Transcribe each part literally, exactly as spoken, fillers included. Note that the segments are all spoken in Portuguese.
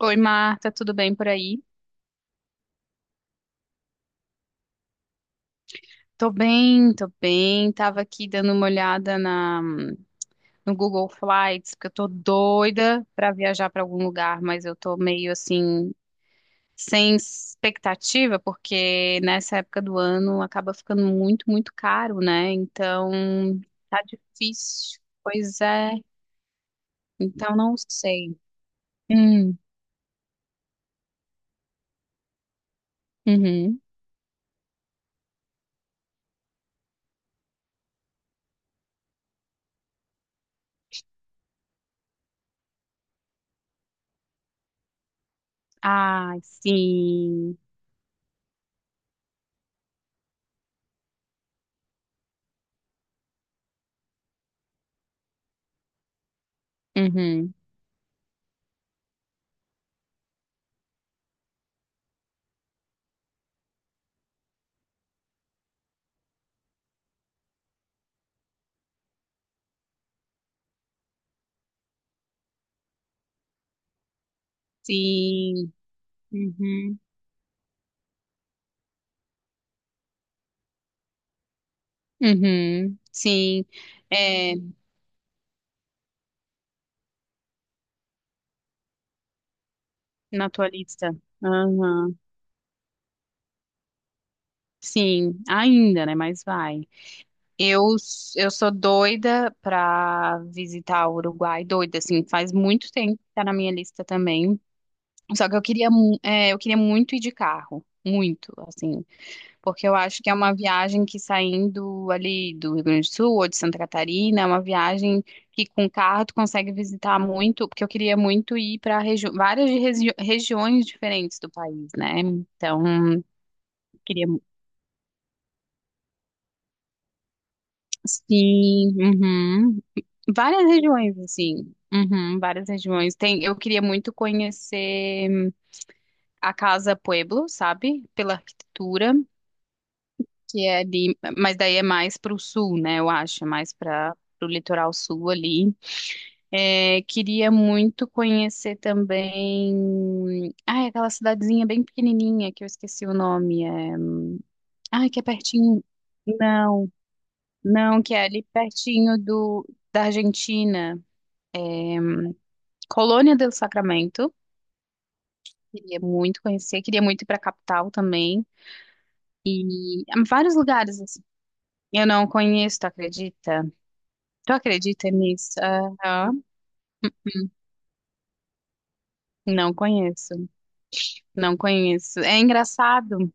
Oi, Marta, tudo bem por aí? Tô bem, tô bem. Tava aqui dando uma olhada na, no Google Flights, porque eu tô doida pra viajar pra algum lugar, mas eu tô meio assim, sem expectativa, porque nessa época do ano acaba ficando muito, muito caro, né? Então, tá difícil. Pois é. Então, não sei. Hum, uhum. Ai, sim. Uhum. Sim. Uhum. Uhum, sim, é, na tua lista. Aham, sim, ainda, né? Mas vai. Eu, s- eu sou doida pra visitar o Uruguai, doida, assim, faz muito tempo que tá na minha lista também. Só que eu queria, mu- é, eu queria muito ir de carro, muito, assim. Porque eu acho que é uma viagem que saindo ali do Rio Grande do Sul ou de Santa Catarina, é uma viagem que com carro tu consegue visitar muito, porque eu queria muito ir para várias regi- regiões diferentes do país, né? Então, queria mu- sim, uhum. Várias regiões assim. Uhum, várias regiões. Tem, eu queria muito conhecer a Casa Pueblo, sabe? Pela arquitetura. Que é ali, mas daí é mais para o sul, né? Eu acho, é mais para o litoral sul ali. É, queria muito conhecer também. Ah, aquela cidadezinha bem pequenininha que eu esqueci o nome. É... ah, que é pertinho. Não, não, que é ali pertinho do da Argentina. Colônia del Sacramento. Queria muito conhecer. Queria muito ir para a capital também. E ah, vários lugares assim. Eu não conheço, tu acredita? Tu acredita nisso? Aham. Não conheço. Não conheço. É engraçado.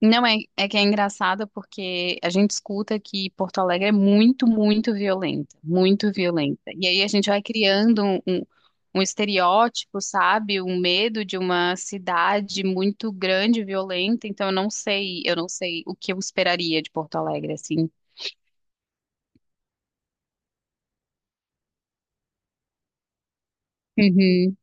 Não é, é que é engraçado porque a gente escuta que Porto Alegre é muito, muito violenta, muito violenta. E aí a gente vai criando um, um, um estereótipo, sabe? Um medo de uma cidade muito grande, e violenta. Então eu não sei, eu não sei o que eu esperaria de Porto Alegre, assim. Uhum,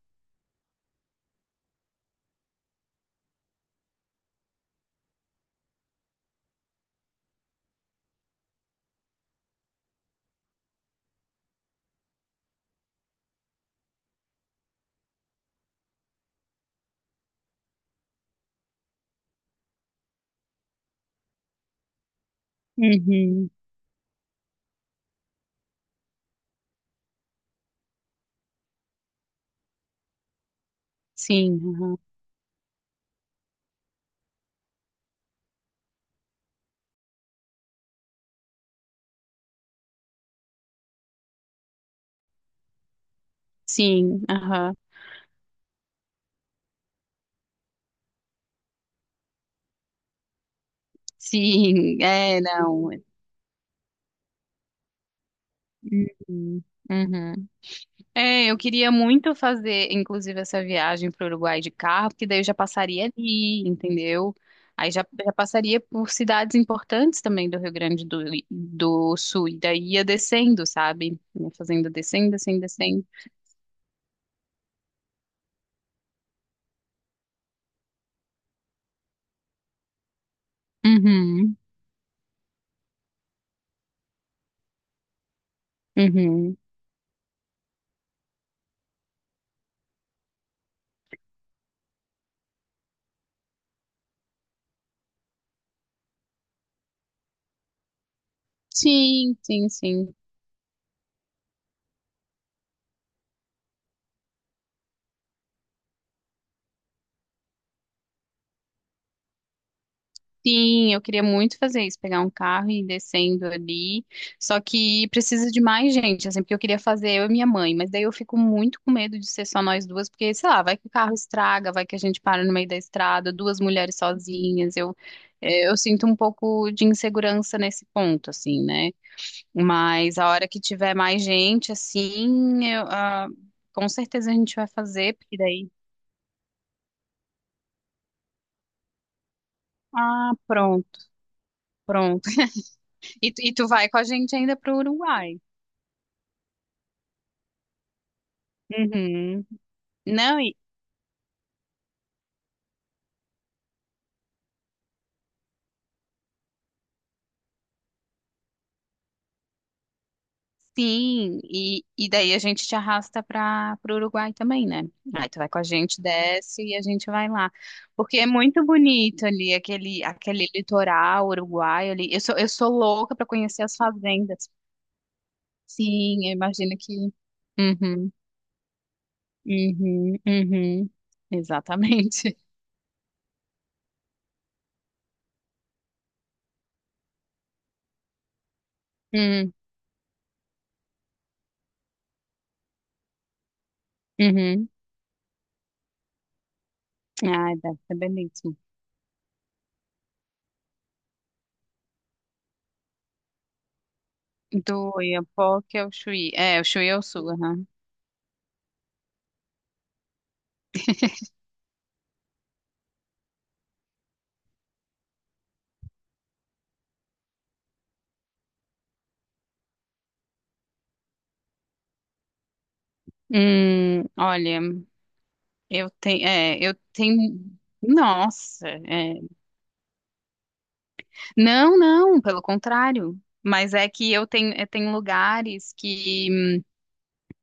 uhum. Sim, aham. Sim, aham. Sim, é, não. Uhum. Uhum. É, eu queria muito fazer, inclusive, essa viagem para o Uruguai de carro, porque daí eu já passaria ali, entendeu? Aí já, já passaria por cidades importantes também do Rio Grande do, do Sul, e daí ia descendo, sabe? Ia fazendo descendo, descendo, descendo. Uhum. Uhum. Sim, sim, sim. Sim, eu queria muito fazer isso, pegar um carro e ir descendo ali. Só que precisa de mais gente, assim, porque eu queria fazer eu e minha mãe, mas daí eu fico muito com medo de ser só nós duas, porque, sei lá, vai que o carro estraga, vai que a gente para no meio da estrada, duas mulheres sozinhas. Eu, eh, eu sinto um pouco de insegurança nesse ponto, assim, né? Mas a hora que tiver mais gente, assim, eu, ah, com certeza a gente vai fazer, porque daí. Ah, pronto, pronto. E, tu- e tu vai com a gente ainda pro Uruguai. Uhum. Não, e, sim, e, e daí a gente te arrasta para o Uruguai também, né? Aí tu vai com a gente, desce e a gente vai lá. Porque é muito bonito ali, aquele, aquele litoral uruguaio ali. Eu sou, eu sou louca para conhecer as fazendas. Sim, eu imagino que. Uhum, uhum, uhum. Exatamente. Hum, uhum. Ai, deve ser belíssimo. Do Oiapoque ao Chuí. É, o Chuí é o sul, aham. Hum, olha. Eu tenho, é, eu tenho, nossa, é. Não, não, pelo contrário. Mas é que eu tenho, eu tenho lugares que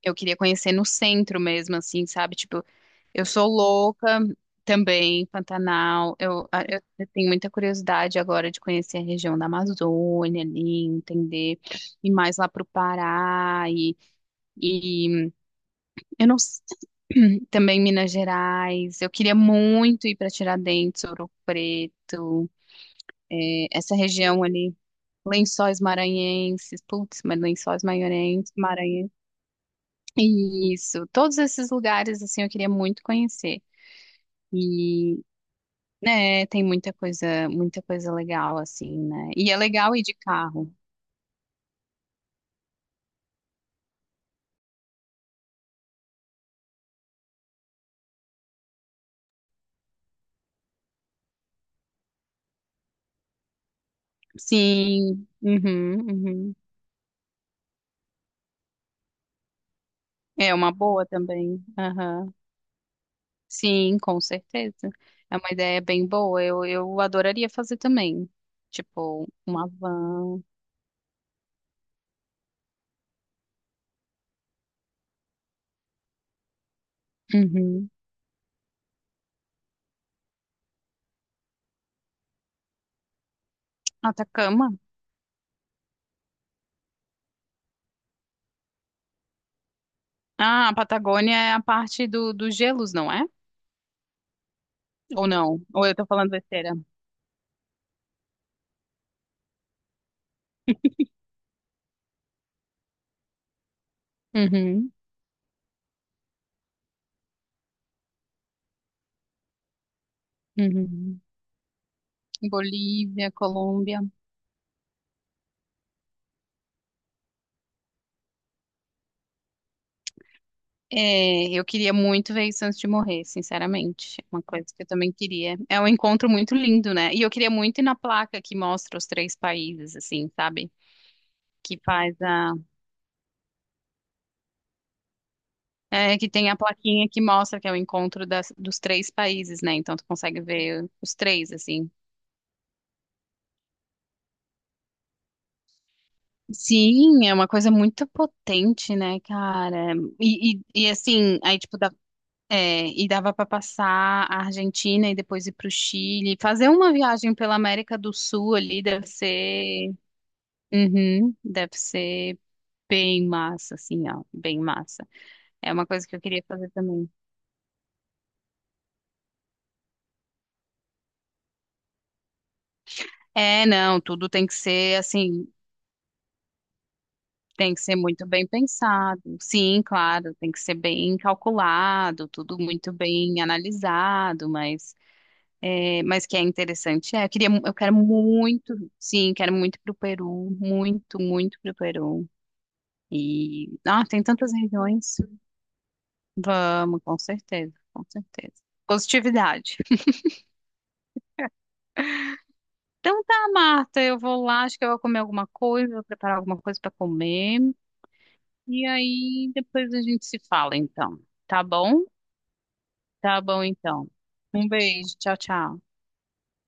eu queria conhecer no centro mesmo, assim, sabe? Tipo, eu sou louca também, Pantanal. Eu, a- eu eu tenho muita curiosidade agora de conhecer a região da Amazônia ali, entender, e mais lá pro Pará e, e eu não s- também Minas Gerais. Eu queria muito ir para Tiradentes, Ouro Preto. Essa região ali, Lençóis Maranhenses, putz, mas Lençóis Maranhenses, Maranhenses. Isso, todos esses lugares assim eu queria muito conhecer. E né, tem muita coisa, muita coisa legal assim, né? E é legal ir de carro. Sim, uhum, uhum. É uma boa também. Aham. Sim, com certeza. É uma ideia bem boa. Eu, eu adoraria fazer também. Tipo, uma van. Uhum. Atacama? Ah, a Patagônia é a parte do, dos gelos, não é? Ou não? Ou eu tô falando besteira? Uhum, uhum. Bolívia, Colômbia. É, eu queria muito ver isso antes de morrer, sinceramente. É uma coisa que eu também queria. É um encontro muito lindo, né? E eu queria muito ir na placa que mostra os três países, assim, sabe? Que faz a. É, que tem a plaquinha que mostra que é o encontro das, dos três países, né? Então tu consegue ver os três, assim. Sim, é uma coisa muito potente, né, cara? E, e, e, assim, aí tipo, dá, é, e dava para passar a Argentina e depois ir pro Chile. Fazer uma viagem pela América do Sul ali deve ser, uhum, deve ser bem massa, assim, ó, bem massa. É uma coisa que eu queria fazer também. É, não, tudo tem que ser assim, tem que ser muito bem pensado. Sim, claro, tem que ser bem calculado, tudo muito bem analisado, mas é, mas que é interessante. É, eu queria, mu- eu quero muito, sim, quero muito pro Peru, muito, muito pro Peru. E, ah, tem tantas regiões. Vamos, com certeza, com certeza. Positividade. Então tá, Marta, eu vou lá, acho que eu vou comer alguma coisa, vou preparar alguma coisa para comer. E aí depois a gente se fala, então. Tá bom? Tá bom, então. Um beijo, tchau, tchau.